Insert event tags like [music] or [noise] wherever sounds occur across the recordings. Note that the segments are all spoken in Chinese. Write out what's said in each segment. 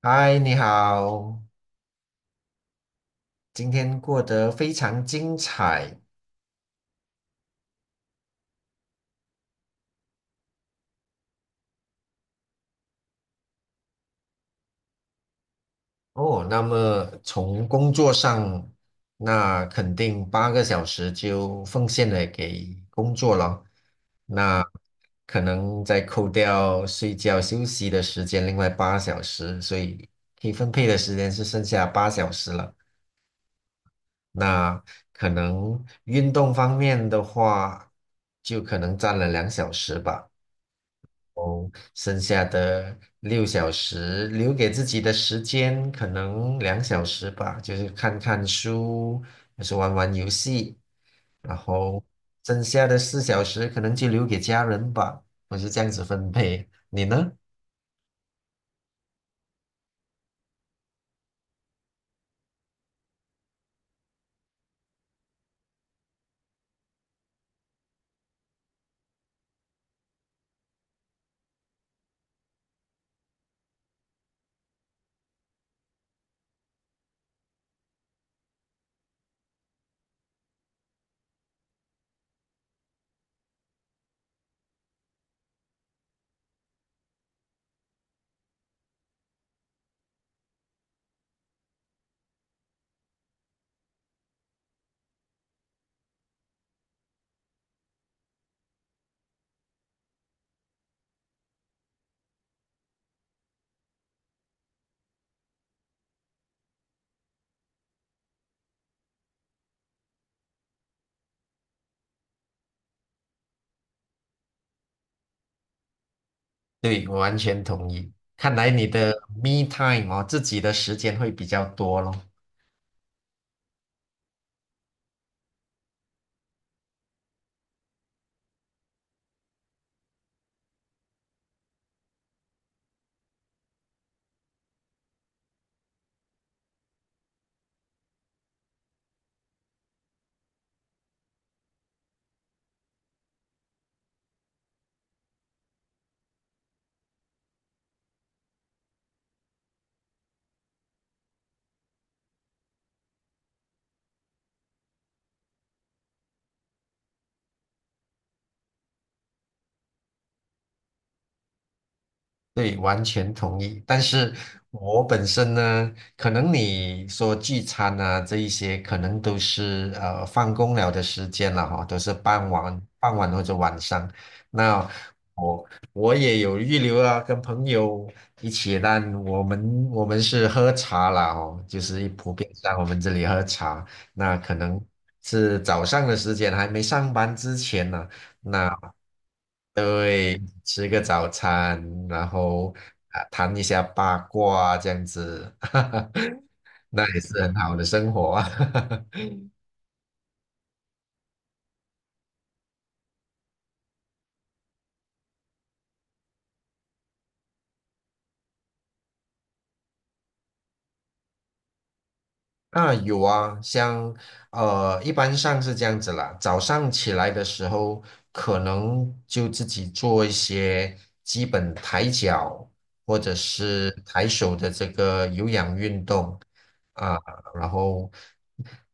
嗨，你好，今天过得非常精彩哦。那么从工作上，那肯定8个小时就奉献了给工作了。那可能再扣掉睡觉休息的时间，另外八小时，所以可以分配的时间是剩下八小时了。那可能运动方面的话，就可能占了两小时吧。哦，剩下的6小时留给自己的时间可能两小时吧，就是看看书，就是玩玩游戏，然后剩下的4小时可能就留给家人吧，我是这样子分配。你呢？对，我完全同意。看来你的 me time 哦，自己的时间会比较多咯。对，完全同意。但是我本身呢，可能你说聚餐啊这一些，可能都是放工了的时间了哈，都是傍晚或者晚上。那我我也有预留啊，跟朋友一起，但我们是喝茶啦哦，就是普遍上我们这里喝茶，那可能是早上的时间，还没上班之前呢、吃个早餐，然后啊谈一下八卦啊这样子，[laughs] 那也是很好的生活啊。[laughs] 啊，有啊，像一般上是这样子啦。早上起来的时候，可能就自己做一些基本抬脚或者是抬手的这个有氧运动啊，然后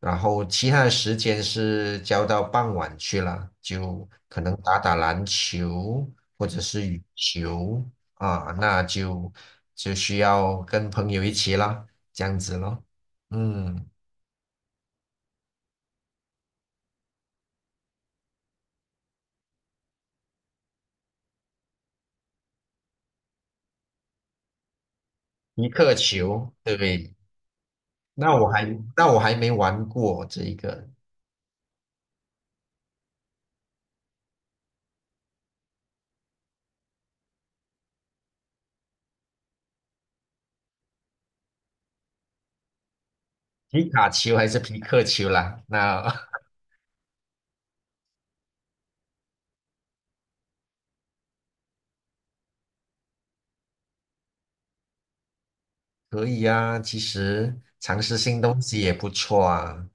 其他的时间是交到傍晚去了，就可能打打篮球或者是羽球啊，那就需要跟朋友一起啦，这样子咯，嗯。皮克球，对不对？那我还没玩过这一个皮卡丘还是皮克球啦。[laughs] 可以啊，其实尝试新东西也不错啊。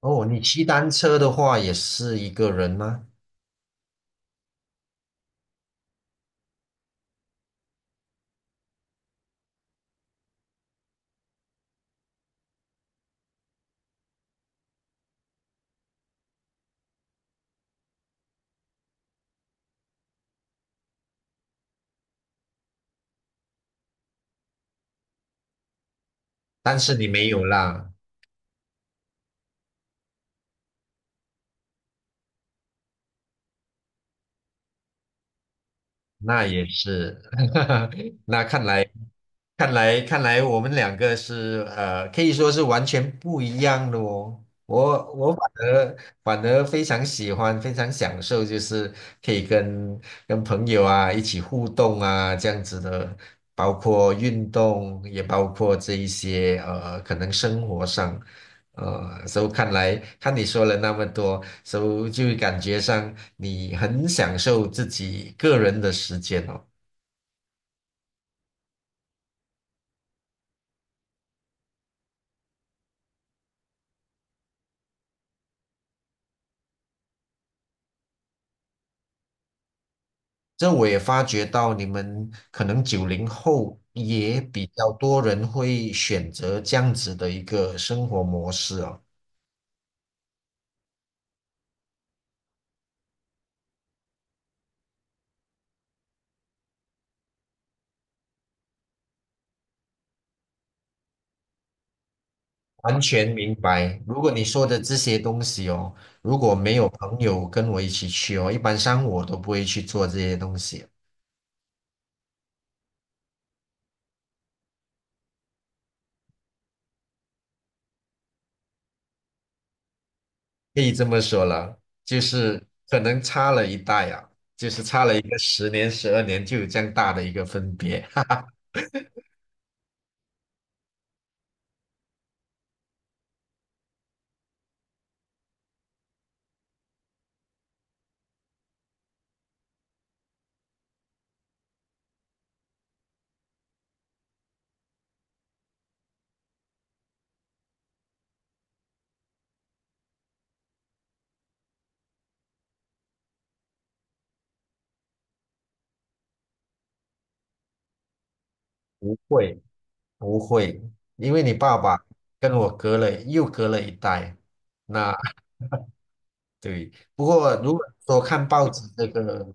哦，你骑单车的话也是一个人吗？但是你没有啦，那也是，[laughs] 那看来。看来我们两个是可以说是完全不一样的哦。我而反而非常喜欢，非常享受，就是可以跟朋友啊一起互动啊这样子的，包括运动，也包括这一些可能生活上，所以看来看你说了那么多，所以就感觉上你很享受自己个人的时间哦。这我也发觉到，你们可能90后也比较多人会选择这样子的一个生活模式哦。完全明白。如果你说的这些东西哦，如果没有朋友跟我一起去哦，一般上我都不会去做这些东西。可以这么说了，就是可能差了一代啊，就是差了一个10年、12年，就有这样大的一个分别。[laughs] 不会，不会，因为你爸爸跟我隔了又隔了一代。那对，不过如果说看报纸这个。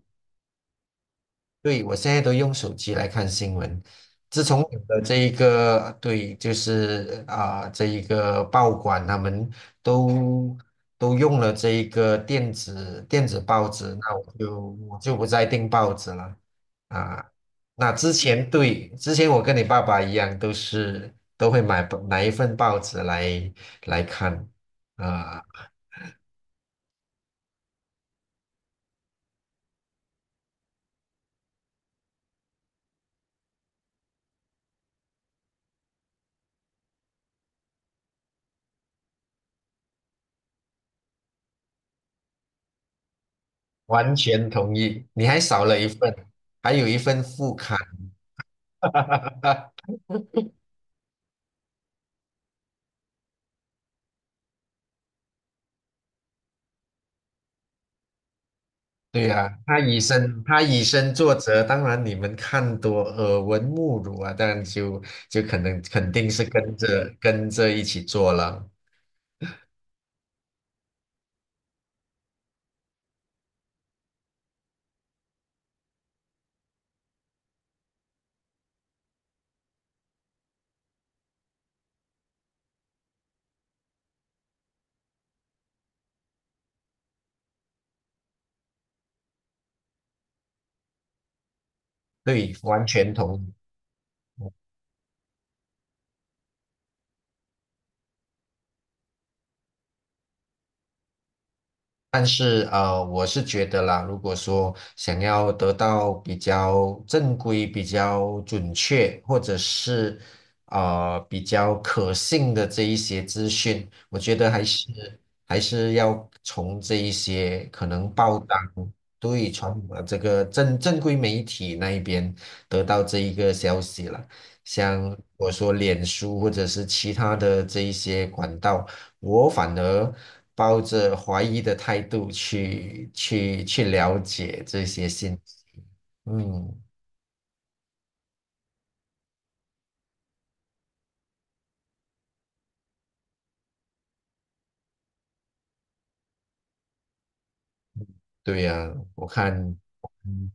对，我现在都用手机来看新闻。自从有了这一个，对，就是啊、这一个报馆他们都都用了这一个电子报纸，那我就不再订报纸了啊。那之前对，之前我跟你爸爸一样，都会买一份报纸来看啊，完全同意。你还少了一份，还有一份副刊。[laughs] 对呀、他以身作则，当然你们看多耳闻目睹啊，当然就可能肯定是跟着跟着一起做了。对，完全同意。但是我是觉得啦，如果说想要得到比较正规、比较准确，或者是比较可信的这一些资讯，我觉得还是要从这一些可能报章对传统的这个正规媒体那一边得到这一个消息了。像我说脸书或者是其他的这一些管道，我反而抱着怀疑的态度去了解这些信息。嗯，对呀，我看，嗯，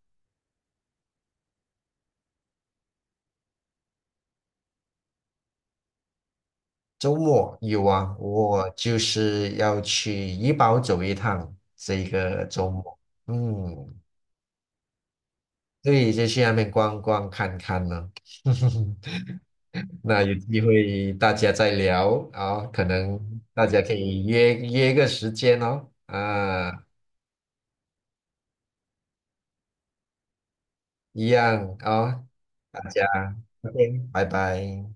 周末有啊，我就是要去怡宝走一趟，这个周末。嗯，对，就去那边逛逛看看呢。[laughs] 那有机会大家再聊啊，可能大家可以约约个时间哦，啊，一样啊，大家，OK,拜拜。